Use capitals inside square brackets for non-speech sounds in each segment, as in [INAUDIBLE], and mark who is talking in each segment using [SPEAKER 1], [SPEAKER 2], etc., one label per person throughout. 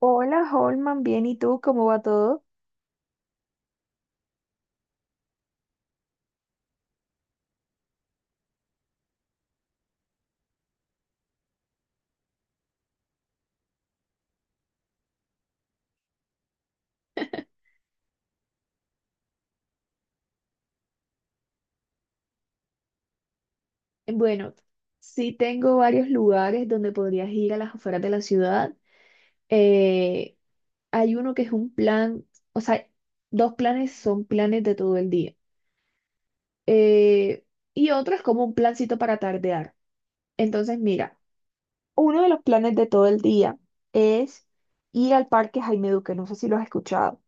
[SPEAKER 1] Hola, Holman, bien, ¿y tú cómo va todo? Bueno, sí tengo varios lugares donde podrías ir a las afueras de la ciudad. Eh, Hay uno que es un plan, o sea, dos planes son planes de todo el día. Eh, y otro es como un plancito para tardear. Entonces, mira, uno de los planes de todo el día es ir al Parque Jaime Duque, no sé si lo has escuchado.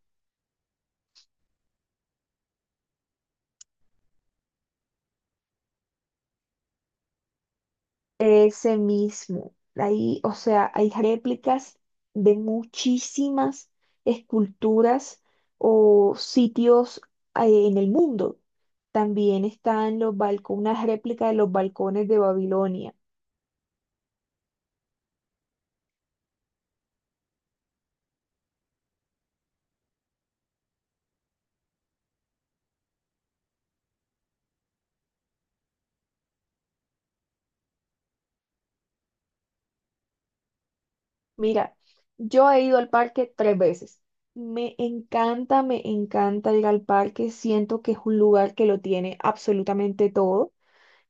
[SPEAKER 1] Ese mismo. Ahí, o sea, hay réplicas de muchísimas esculturas o sitios, en el mundo. También están los balcones, una réplica de los balcones de Babilonia. Mira, yo he ido al parque tres veces. Me encanta ir al parque. Siento que es un lugar que lo tiene absolutamente todo.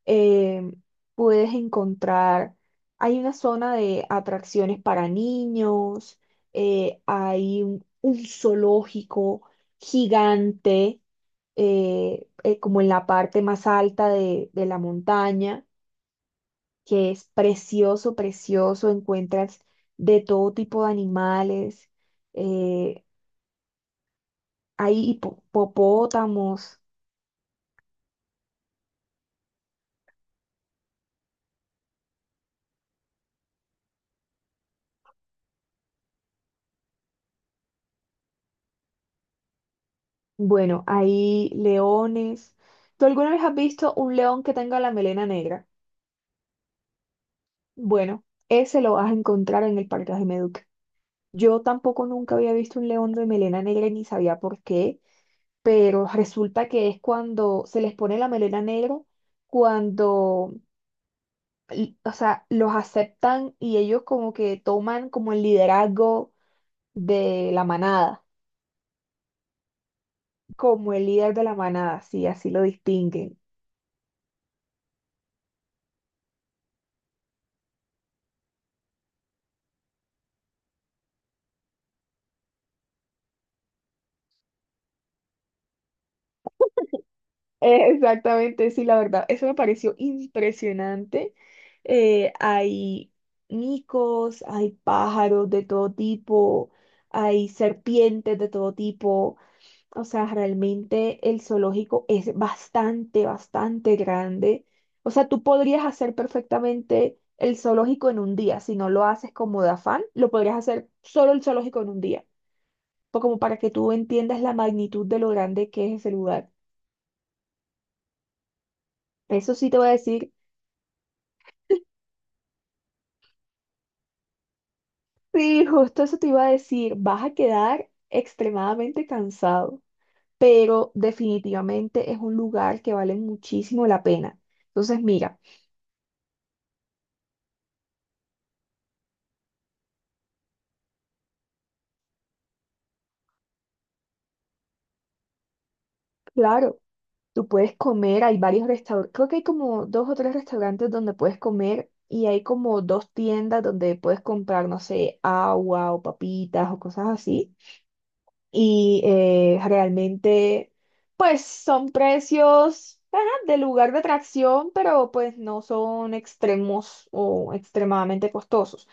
[SPEAKER 1] eh, Puedes encontrar, hay una zona de atracciones para niños, hay un zoológico gigante, como en la parte más alta de la montaña, que es precioso, precioso, encuentras de todo tipo de animales, eh, hay hipopótamos, bueno, hay leones. ¿Tú alguna vez has visto un león que tenga la melena negra? Bueno, ese lo vas a encontrar en el Parque Ajemeduc. Yo tampoco nunca había visto un león de melena negra y ni sabía por qué, pero resulta que es cuando se les pone la melena negra, cuando, o sea, los aceptan y ellos como que toman como el liderazgo de la manada, como el líder de la manada, sí, así lo distinguen. Exactamente, sí, la verdad, eso me pareció impresionante. Hay micos, hay pájaros de todo tipo, hay serpientes de todo tipo. O sea, realmente el zoológico es bastante, bastante grande. O sea, tú podrías hacer perfectamente el zoológico en un día. Si no lo haces como de afán, lo podrías hacer solo el zoológico en un día. Pues como para que tú entiendas la magnitud de lo grande que es ese lugar. Eso sí te voy a decir. Sí, justo eso te iba a decir, vas a quedar extremadamente cansado, pero definitivamente es un lugar que vale muchísimo la pena. Entonces, mira, claro, tú puedes comer, hay varios restaurantes, creo que hay como dos o tres restaurantes donde puedes comer y hay como dos tiendas donde puedes comprar, no sé, agua o papitas o cosas así. Y realmente pues son precios ajá, de lugar de atracción, pero pues no son extremos o extremadamente costosos.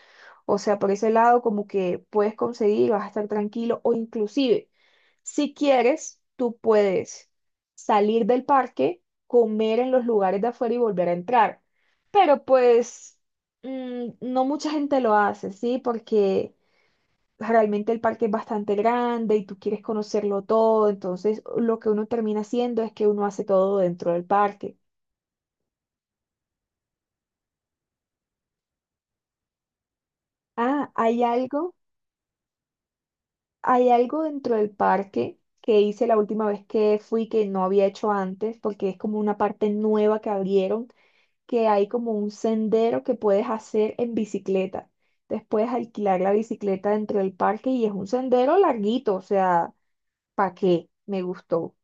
[SPEAKER 1] O sea, por ese lado como que puedes conseguir, vas a estar tranquilo o inclusive si quieres, tú puedes salir del parque, comer en los lugares de afuera y volver a entrar. Pero pues no mucha gente lo hace, ¿sí? Porque realmente el parque es bastante grande y tú quieres conocerlo todo, entonces lo que uno termina haciendo es que uno hace todo dentro del parque. Ah, hay algo dentro del parque que hice la última vez que fui que no había hecho antes, porque es como una parte nueva que abrieron, que hay como un sendero que puedes hacer en bicicleta. Después alquilar la bicicleta dentro del parque y es un sendero larguito, o sea, ¿para qué? Me gustó.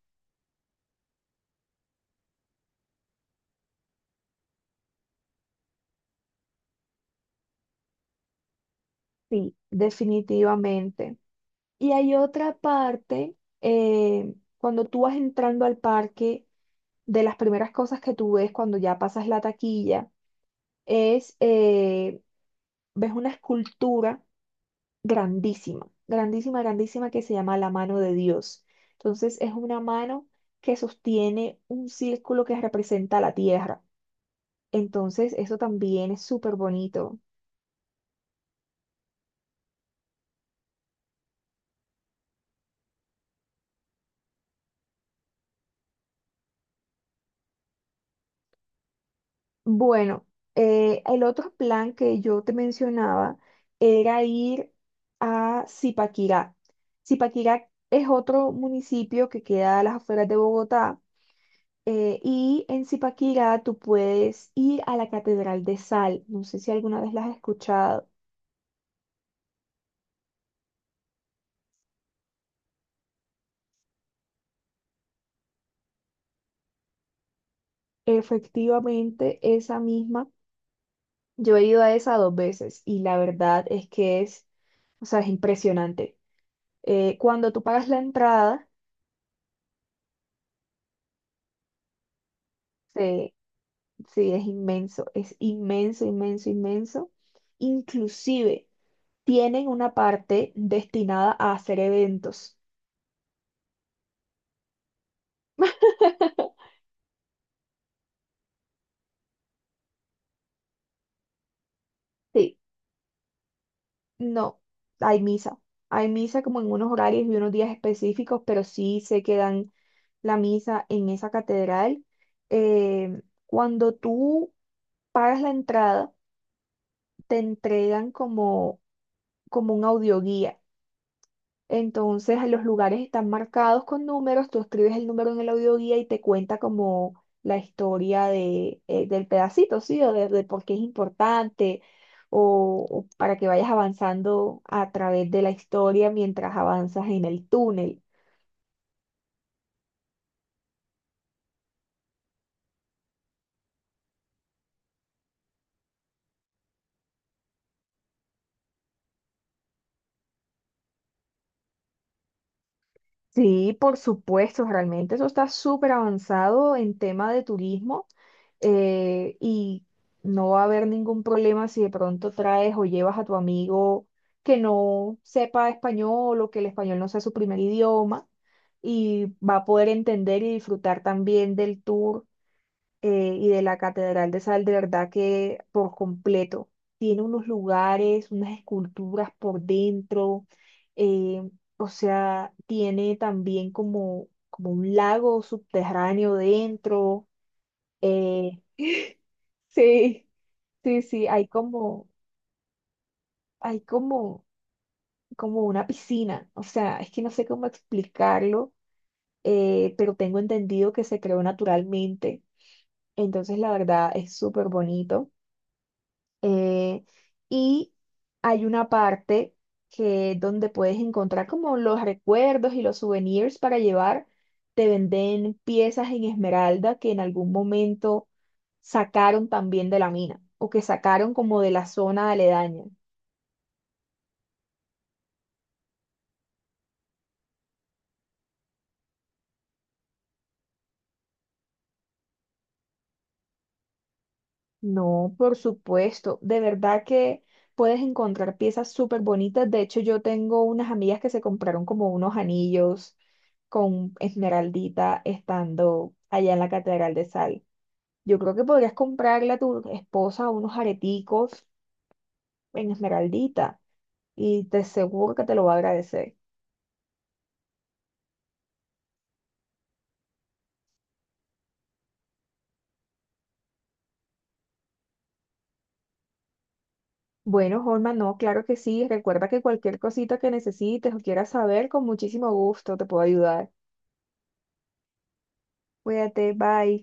[SPEAKER 1] Sí, definitivamente. Y hay otra parte, cuando tú vas entrando al parque, de las primeras cosas que tú ves cuando ya pasas la taquilla es, ves una escultura grandísima, grandísima, grandísima que se llama la mano de Dios. Entonces es una mano que sostiene un círculo que representa la tierra. Entonces eso también es súper bonito. Bueno, el otro plan que yo te mencionaba era ir a Zipaquirá. Zipaquirá es otro municipio que queda a las afueras de Bogotá, y en Zipaquirá tú puedes ir a la Catedral de Sal. No sé si alguna vez la has escuchado. Efectivamente, esa misma. Yo he ido a esa dos veces y la verdad es que es, o sea, es impresionante. Cuando tú pagas la entrada, se sí, es inmenso, inmenso, inmenso. Inclusive tienen una parte destinada a hacer eventos. [LAUGHS] Sí, no, hay misa. Hay misa como en unos horarios y unos días específicos, pero sí sé que dan la misa en esa catedral. Cuando tú pagas la entrada, te entregan como, como un audioguía. Entonces, los lugares están marcados con números, tú escribes el número en el audioguía y te cuenta como la historia de, del pedacito, ¿sí? O de por qué es importante, o para que vayas avanzando a través de la historia mientras avanzas en el túnel. Sí, por supuesto, realmente eso está súper avanzado en tema de turismo, y no va a haber ningún problema si de pronto traes o llevas a tu amigo que no sepa español o que el español no sea su primer idioma y va a poder entender y disfrutar también del tour, y de la Catedral de Sal, de verdad que por completo. Tiene unos lugares, unas esculturas por dentro, eh, o sea, tiene también como, como un lago subterráneo dentro. eh, [LAUGHS] sí, sí, sí, hay como, como una piscina, o sea, es que no sé cómo explicarlo, pero tengo entendido que se creó naturalmente, entonces la verdad es súper bonito. Eh, y hay una parte que donde puedes encontrar como los recuerdos y los souvenirs para llevar. Te venden piezas en esmeralda que en algún momento sacaron también de la mina o que sacaron como de la zona aledaña. No, por supuesto, de verdad que puedes encontrar piezas súper bonitas. De hecho, yo tengo unas amigas que se compraron como unos anillos con esmeraldita estando allá en la Catedral de Sal. Yo creo que podrías comprarle a tu esposa unos areticos en esmeraldita y te seguro que te lo va a agradecer. Bueno, Holman, no, claro que sí. Recuerda que cualquier cosita que necesites o quieras saber, con muchísimo gusto te puedo ayudar. Cuídate, bye.